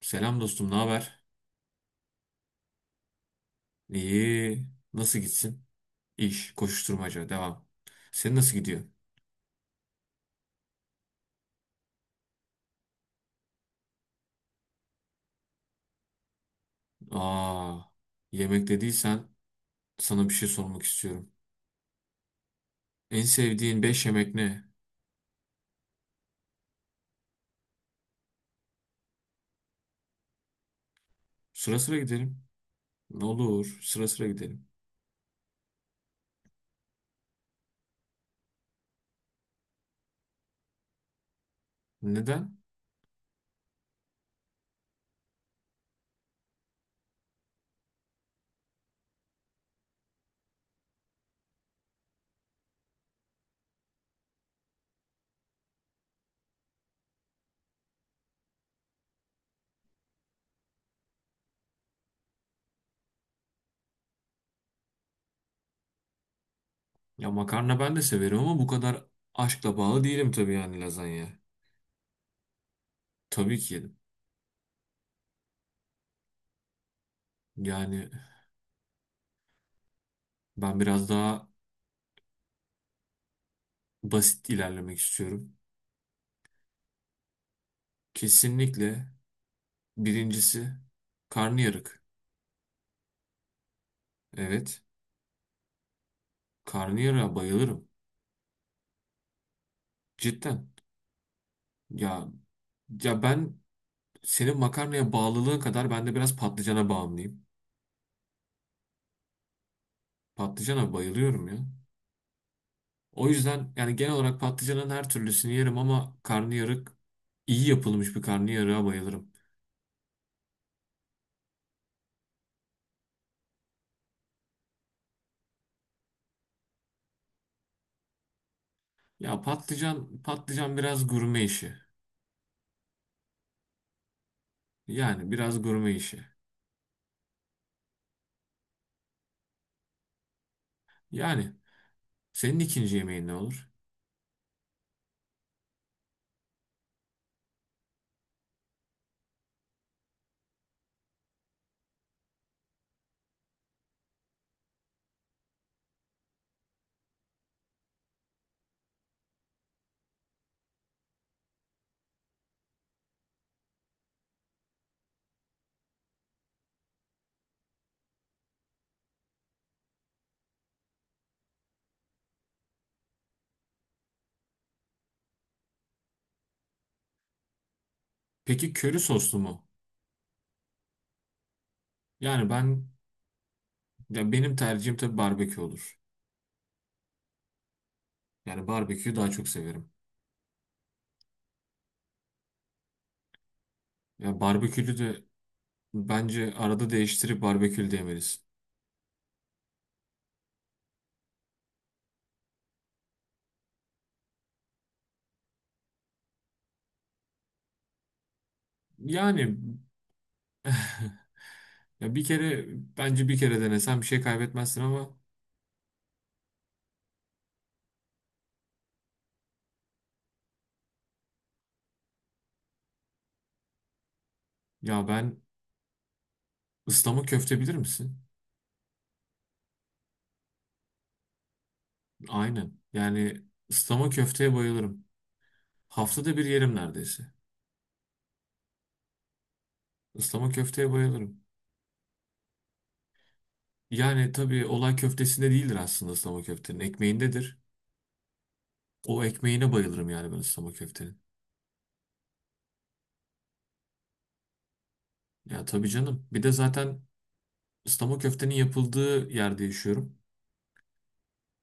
Selam dostum, ne haber? İyi. Nasıl gitsin? İş, koşuşturmaca, devam. Senin nasıl gidiyor? Aa, yemek dediysen sana bir şey sormak istiyorum. En sevdiğin 5 yemek ne? Sıra sıra gidelim. Ne olur, sıra sıra gidelim. Neden? Ya makarna ben de severim ama bu kadar aşkla bağlı değilim tabii yani lazanya. Tabii ki yedim. Yani ben biraz daha basit ilerlemek istiyorum. Kesinlikle birincisi karnıyarık. Evet. Karnıyarığa bayılırım. Cidden. Ya ya ben senin makarnaya bağlılığın kadar ben de biraz patlıcana bağımlıyım. Patlıcana bayılıyorum ya. O yüzden yani genel olarak patlıcanın her türlüsünü yerim ama karnıyarık iyi yapılmış bir karnıyarığa bayılırım. Ya patlıcan biraz gurme işi. Yani biraz gurme işi. Yani senin ikinci yemeğin ne olur? Peki köri soslu mu? Yani ben ya benim tercihim tabii barbekü olur. Yani barbeküyü daha çok severim. Ya barbekülü de bence arada değiştirip barbekül demelisin. Yani ya bir kere bence bir kere denesen bir şey kaybetmezsin ama ya ben ıslama köfte bilir misin? Aynen. Yani ıslama köfteye bayılırım. Haftada bir yerim neredeyse. Islama köfteye bayılırım. Yani tabii olay köftesinde değildir aslında ıslama köftenin. Ekmeğindedir. O ekmeğine bayılırım yani ben ıslama köftenin. Ya tabii canım. Bir de zaten ıslama köftenin yapıldığı yerde yaşıyorum.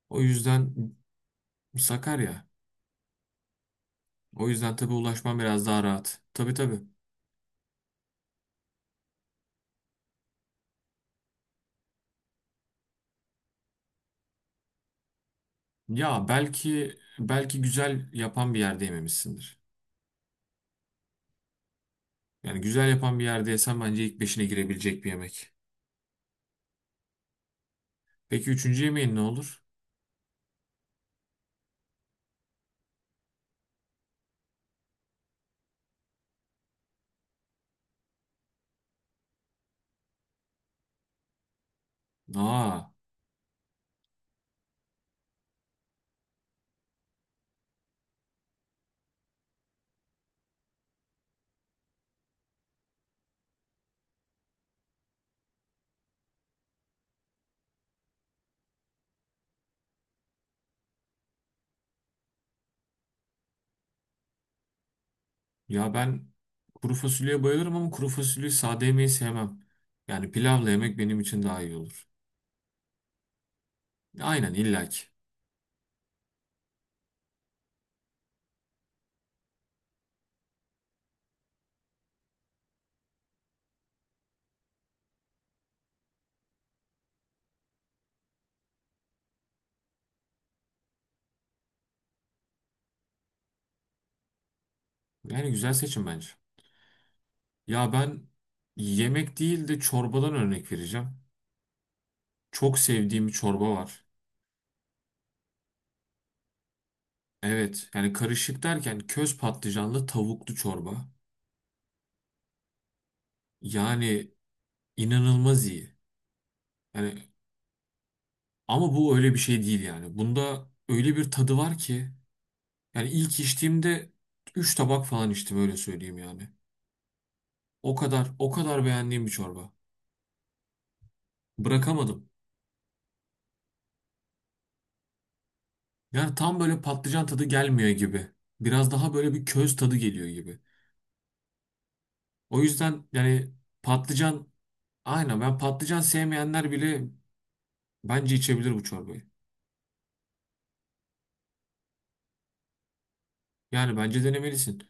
O yüzden Sakarya. O yüzden tabii ulaşmam biraz daha rahat. Tabii tabii. Ya belki güzel yapan bir yerde yememişsindir. Yani güzel yapan bir yerde yesen bence ilk beşine girebilecek bir yemek. Peki üçüncü yemeğin ne olur? Aa, ya ben kuru fasulyeye bayılırım ama kuru fasulyeyi sade yemeyi sevmem. Yani pilavla yemek benim için daha iyi olur. Aynen illaki. Yani güzel seçim bence. Ya ben yemek değil de çorbadan örnek vereceğim. Çok sevdiğim bir çorba var. Evet yani karışık derken köz patlıcanlı tavuklu çorba. Yani inanılmaz iyi. Yani ama bu öyle bir şey değil yani. Bunda öyle bir tadı var ki yani ilk içtiğimde 3 tabak falan içtim öyle söyleyeyim yani. O kadar beğendiğim bir çorba. Bırakamadım. Yani tam böyle patlıcan tadı gelmiyor gibi. Biraz daha böyle bir köz tadı geliyor gibi. O yüzden yani patlıcan aynen ben patlıcan sevmeyenler bile bence içebilir bu çorbayı. Yani bence denemelisin.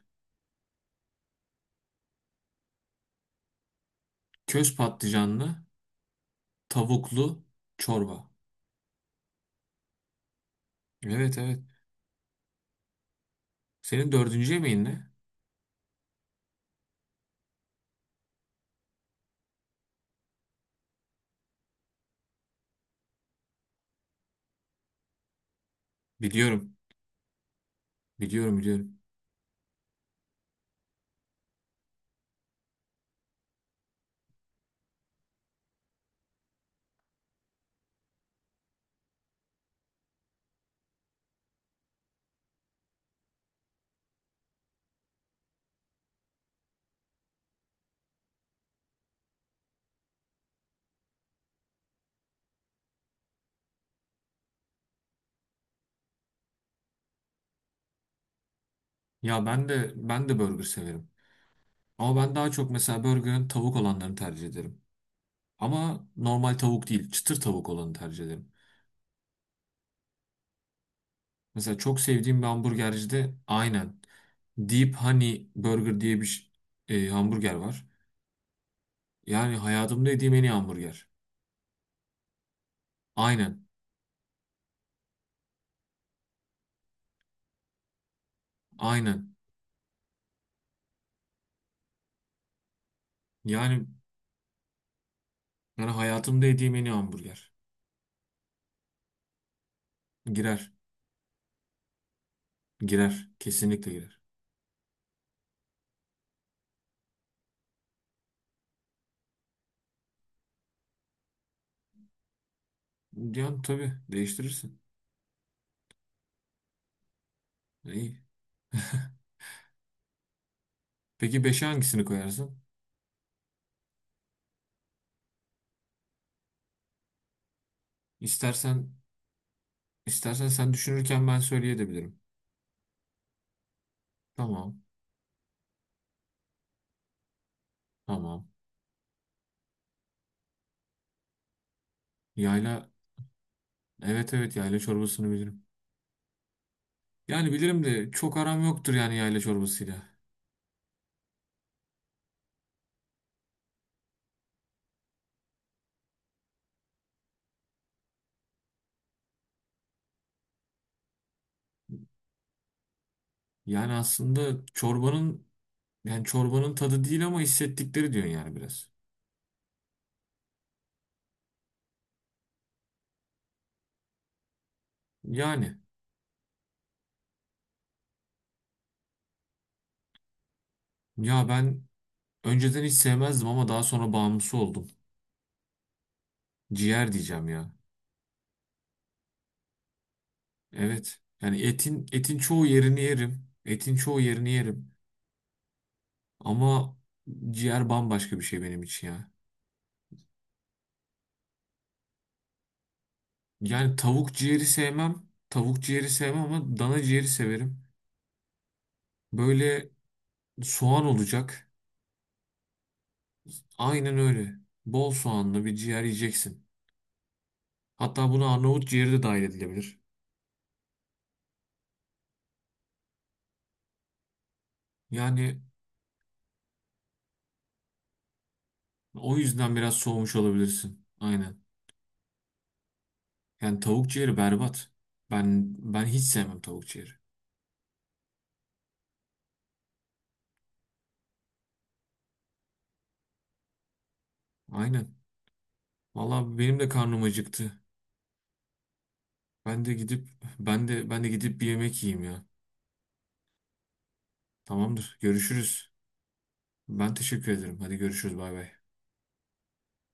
Köz patlıcanlı, tavuklu çorba. Evet evet. Senin dördüncü yemeğin ne? Biliyorum. Biliyorum. Ya ben de burger severim. Ama ben daha çok mesela burgerin tavuk olanlarını tercih ederim. Ama normal tavuk değil, çıtır tavuk olanı tercih ederim. Mesela çok sevdiğim bir hamburgercide aynen Deep Honey Burger diye bir ş- e, hamburger var. Yani hayatımda yediğim en iyi hamburger. Aynen. Aynen. Yani yani hayatımda yediğim en iyi hamburger. Girer. Girer. Kesinlikle girer. Yani tabii değiştirirsin. İyi. Peki 5'e hangisini koyarsın? İstersen istersen sen düşünürken ben söyleyebilirim. Tamam. Tamam. Yayla evet evet yayla çorbasını bilirim. Yani bilirim de çok aram yoktur yani yayla çorbasıyla. Yani aslında çorbanın yani çorbanın tadı değil ama hissettikleri diyorsun yani biraz. Yani ya ben önceden hiç sevmezdim ama daha sonra bağımlısı oldum. Ciğer diyeceğim ya. Evet. Yani etin çoğu yerini yerim. Etin çoğu yerini yerim. Ama ciğer bambaşka bir şey benim için ya. Yani tavuk ciğeri sevmem. Tavuk ciğeri sevmem ama dana ciğeri severim. Böyle soğan olacak. Aynen öyle. Bol soğanlı bir ciğer yiyeceksin. Hatta buna Arnavut ciğeri de dahil edilebilir. Yani o yüzden biraz soğumuş olabilirsin. Aynen. Yani tavuk ciğeri berbat. Ben hiç sevmem tavuk ciğeri. Aynen. Vallahi benim de karnım acıktı. Ben de gidip ben de gidip bir yemek yiyeyim ya. Tamamdır. Görüşürüz. Ben teşekkür ederim. Hadi görüşürüz. Bay bay.